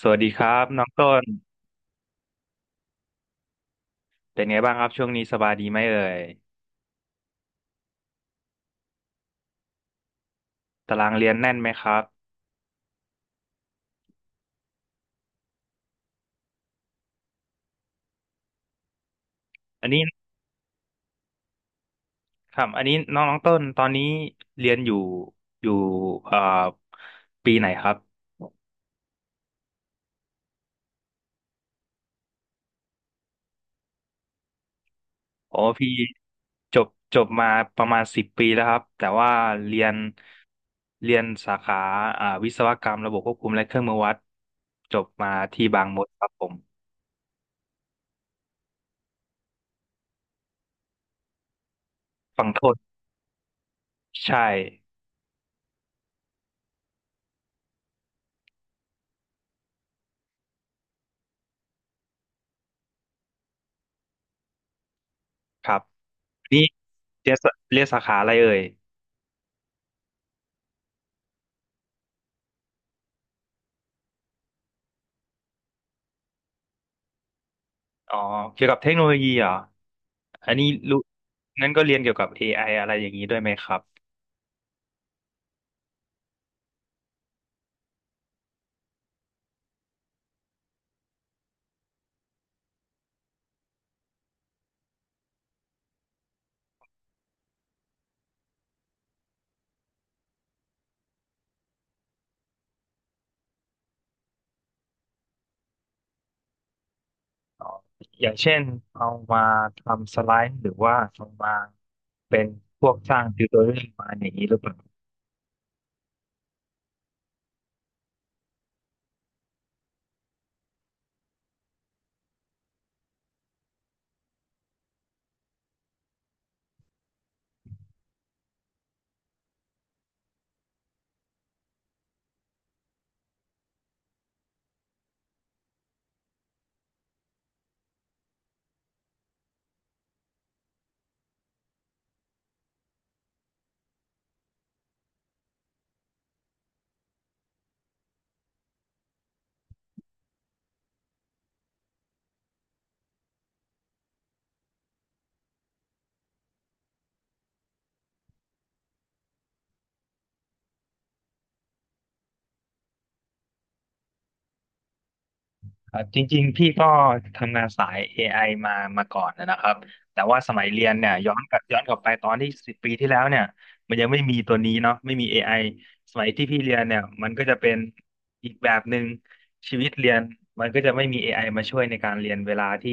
สวัสดีครับน้องต้นเป็นไงบ้างครับช่วงนี้สบายดีไหมเอ่ยตารางเรียนแน่นไหมครับอันนี้ครับอันนี้น้องน้องต้นตอนนี้เรียนอยู่เอ่อปีไหนครับโอ้พี่จบจบมาประมาณสิบปีแล้วครับแต่ว่าเรียนเรียนสาขาวิศวกรรมระบบควบคุมและเครื่องมือวัดจบมาที่บางมดครับผมฝั่งทนใช่ครับนี่เรียนสาขาอะไรเอ่ย อ๋อเกี่ยวกับเทคโนโลยีเหรออันนี้รู้งั้นก็เรียนเกี่ยวกับ AI อไออะไรอย่างนี้ด้วยไหมครับอ๋ออย่างเช่นเอามาทำสไลด์หรือว่าเอามาเป็นพวกสร้างติวโตเรียลมาอย่างนี้หรือเปล่า ครับจริงๆพี่ก็ทำงานสาย AI มามาก่อนนะครับแต่ว่าสมัยเรียนเนี่ยย้อนกลับไปตอนที่สิบปีที่แล้วเนี่ยมันยังไม่มีตัวนี้เนาะไม่มี AI สมัยที่พี่เรียนเนี่ยมันก็จะเป็นอีกแบบหนึ่งชีวิตเรียนมันก็จะไม่มี AI มาช่วยในการเรียนเวลาที่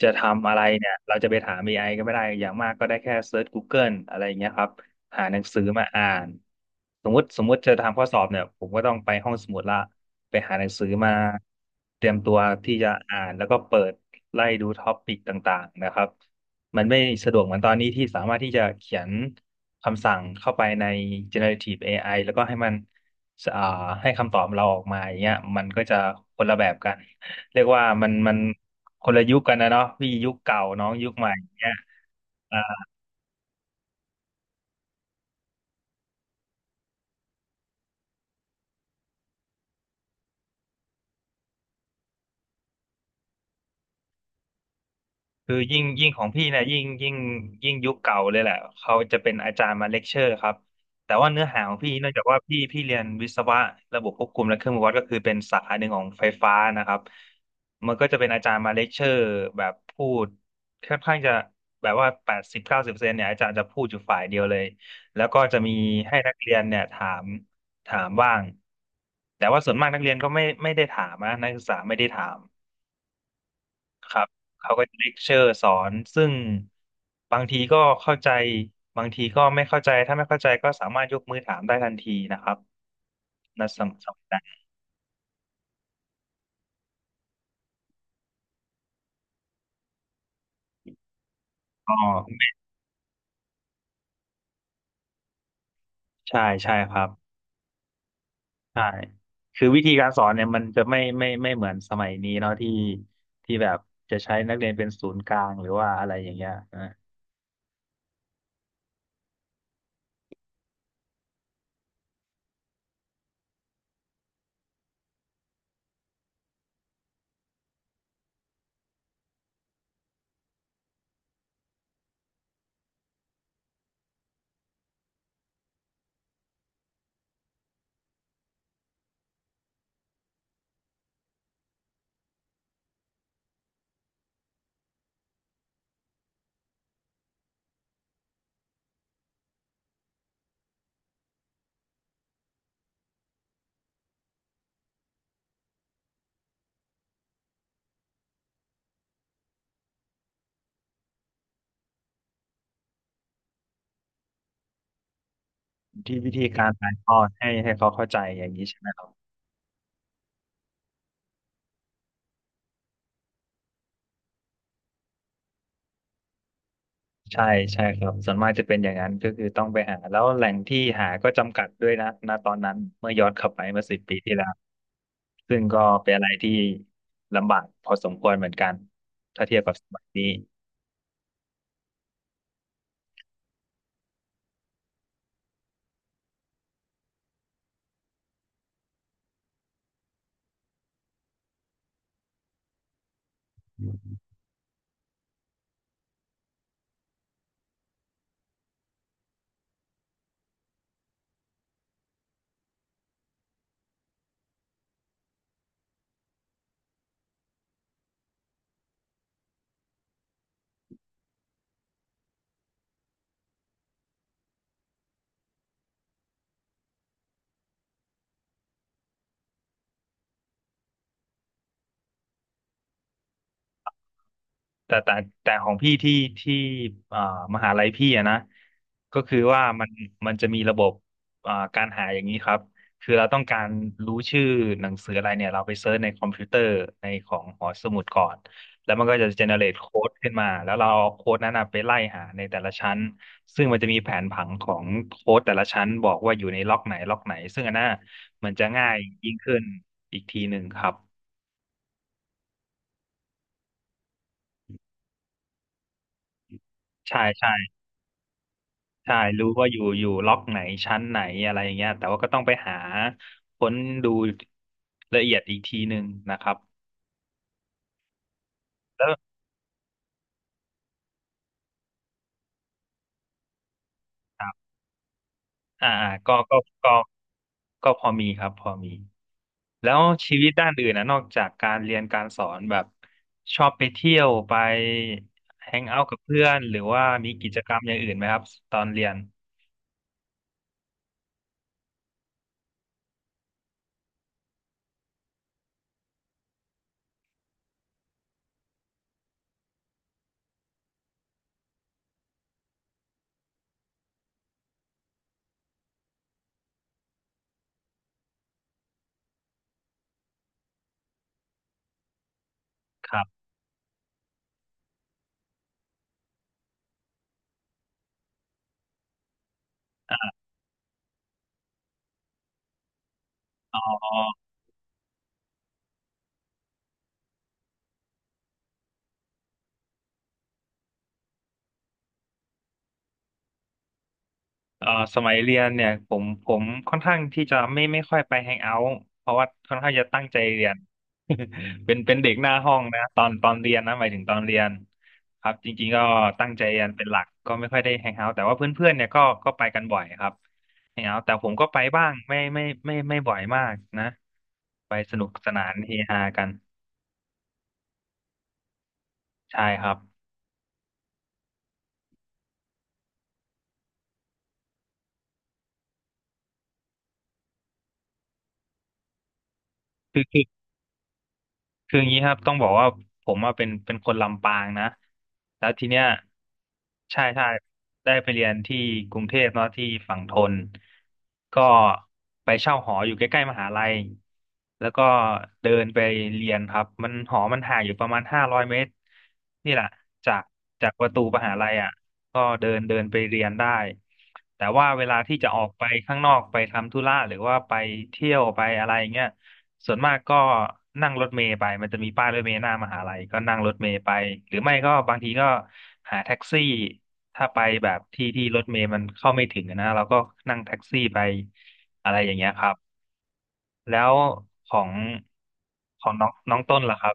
จะทำอะไรเนี่ยเราจะไปถาม AI ก็ไม่ได้อย่างมากก็ได้แค่เซิร์ช Google อะไรอย่างเงี้ยครับ หาหนังสือมาอ่านสมมติจะทำข้อสอบเนี่ยผมก็ต้องไปห้องสมุดละไปหาหนังสือมาเตรียมตัวที่จะอ่านแล้วก็เปิดไล่ดูท็อปิกต่างๆนะครับมันไม่สะดวกเหมือนตอนนี้ที่สามารถที่จะเขียนคำสั่งเข้าไปใน generative AI แล้วก็ให้มันอ่าให้คำตอบเราออกมาอย่างเงี้ยมันก็จะคนละแบบกันเรียกว่ามันคนละยุคกันนะเนาะพี่ยุคเก่าน้องยุคใหม่อย่างเงี้ย คือยิ่งของพี่เนี่ยยิ่งยุคเก่าเลยแหละเขาจะเป็นอาจารย์มาเลคเชอร์ครับแต่ว่าเนื้อหาของพี่เนื่องจากว่าพี่เรียนวิศวะระบบควบคุมและเครื่องมือวัดก็คือเป็นสาขาหนึ่งของไฟฟ้านะครับมันก็จะเป็นอาจารย์มาเลคเชอร์แบบพูดค่อนข้างจะแบบว่า80-90%เนี่ยอาจารย์จะพูดอยู่ฝ่ายเดียวเลยแล้วก็จะมีให้นักเรียนเนี่ยถามถามบ้างแต่ว่าส่วนมากนักเรียนก็ไม่ได้ถามนะนักศึกษาไม่ได้ถาม ครับเขาก็จะเลคเชอร์สอนซึ่งบางทีก็เข้าใจบางทีก็ไม่เข้าใจถ้าไม่เข้าใจก็สามารถยกมือถามได้ทันทีนะครับนะสำหรับนั้นก็ใช่ใช่ครับใช่คือวิธีการสอนเนี่ยมันจะไม่เหมือนสมัยนี้เนาะที่ที่แบบจะใช้นักเรียนเป็นศูนย์กลางหรือว่าอะไรอย่างเงี้ยนะที่วิธีการถ่ายทอดให้เขาเข้าใจอย่างนี้ใช่ไหม ใช่ใช่ครับส่วนมากจะเป็นอย่างนั้นก็คือต้องไปหาแล้วแหล่งที่หาก็จำกัดด้วยนะณตอนนั้นเมื่อย้อนกลับไปเมื่อสิบปีที่แล้วซึ่งก็เป็นอะไรที่ลำบากพอสมควรเหมือนกันถ้าเทียบกับสมัยนี้ แต่แต่แต่ของพี่ที่อ่ามหาลัยพี่อะนะก็คือว่ามันจะมีระบบการหาอย่างนี้ครับคือเราต้องการรู้ชื่อหนังสืออะไรเนี่ยเราไปเซิร์ชในคอมพิวเตอร์ในของหอสมุดก่อนแล้วมันก็จะเจเนเรตโค้ดขึ้นมาแล้วเราเอาโค้ดนั้นนะไปไล่หาในแต่ละชั้นซึ่งมันจะมีแผนผังของโค้ดแต่ละชั้นบอกว่าอยู่ในล็อกไหนล็อกไหนซึ่งอันน่ะมันจะง่ายยิ่งขึ้นอีกทีหนึ่งครับใช่ใช่ ใช่รู้ว่าอยู่ล็อกไหนชั้นไหนอะไรอย่างเงี้ยแต่ว่าก็ต้องไปหาค้นดูละเอียดอีกทีหนึ่งนะครับแล้วครับอ่าอ่าก็ก็ก็ก็พอมีครับพอมีแล้วชีวิตด้านอื่นนะนอกจากการเรียนการสอนแบบชอบไปเที่ยวไปแฮงเอาท์กับเพื่อนหรือว่ามีกิจกรรมอย่างอื่นไหมครับตอนเรียนครับอ๋อ เอ่อสมัยเรียนเนี่ยผมค่อนข้างที่จะไม่ค่อยไปแฮงเอาท์เพราะว่าค่อนข้างจะตั้งใจเรียน เป็นเด็กหน้าห้องนะตอนเรียนนะหมายถึงตอนเรียนครับจริงๆก็ตั้งใจเรียนเป็นหลักก็ไม่ค่อยได้แฮงเอาท์แต่ว่าเพื่อนๆเนี่ยก็ไปกันบ่อยครับแฮงเอาท์แต่ผมก็ไปบ้างไม่บ่อยมากนะไปสนุกสนานเฮฮากันใช่ครับ คืออย่างนี้ครับต้องบอกว่าผมอะเป็นคนลำปางนะแล้วทีเนี้ยใช่ใช่ได้ไปเรียนที่กรุงเทพเนาะที่ฝั่งธนก็ไปเช่าหออยู่ใกล้ๆมหาลัยแล้วก็เดินไปเรียนครับมันหอมันห่างอยู่ประมาณ500 เมตรนี่แหละจากจากประตูมหาลัยอ่ะก็เดินเดินไปเรียนได้แต่ว่าเวลาที่จะออกไปข้างนอกไปทำธุระหรือว่าไปเที่ยวไปอะไรเงี้ย ส่วนมากก็นั่งรถเมล์ไปมันจะมีป้ายรถเมล์หน้ามหาลัยก็นั่งรถเมล์ไปหรือไม่ก็บางทีก็หาแท็กซี่ถ้าไปแบบที่รถเมล์มันเข้าไม่ถึงอะนะเราก็นั่งแท็กซี่ไปอะไรอย่างเงี้ยครับแล้วของของน้องน้องต้นล่ะครับ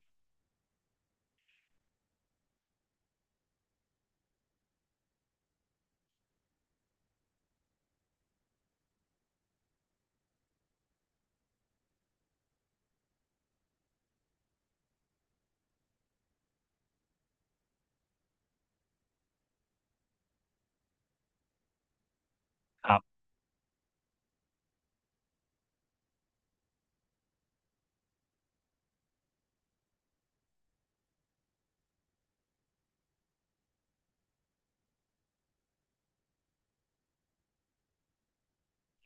ครับ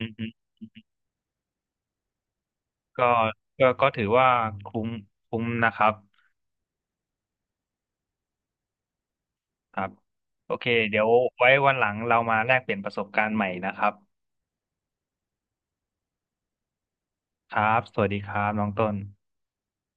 อืมก็ก็ถือว่าคุ้มคุ้มนะครับครับโอเคเดี๋ยวไว้วันหลังเรามาแลกเปลี่ยนประสบการณ์ใหม่นะครับครับสวัสดีครับน้องต้น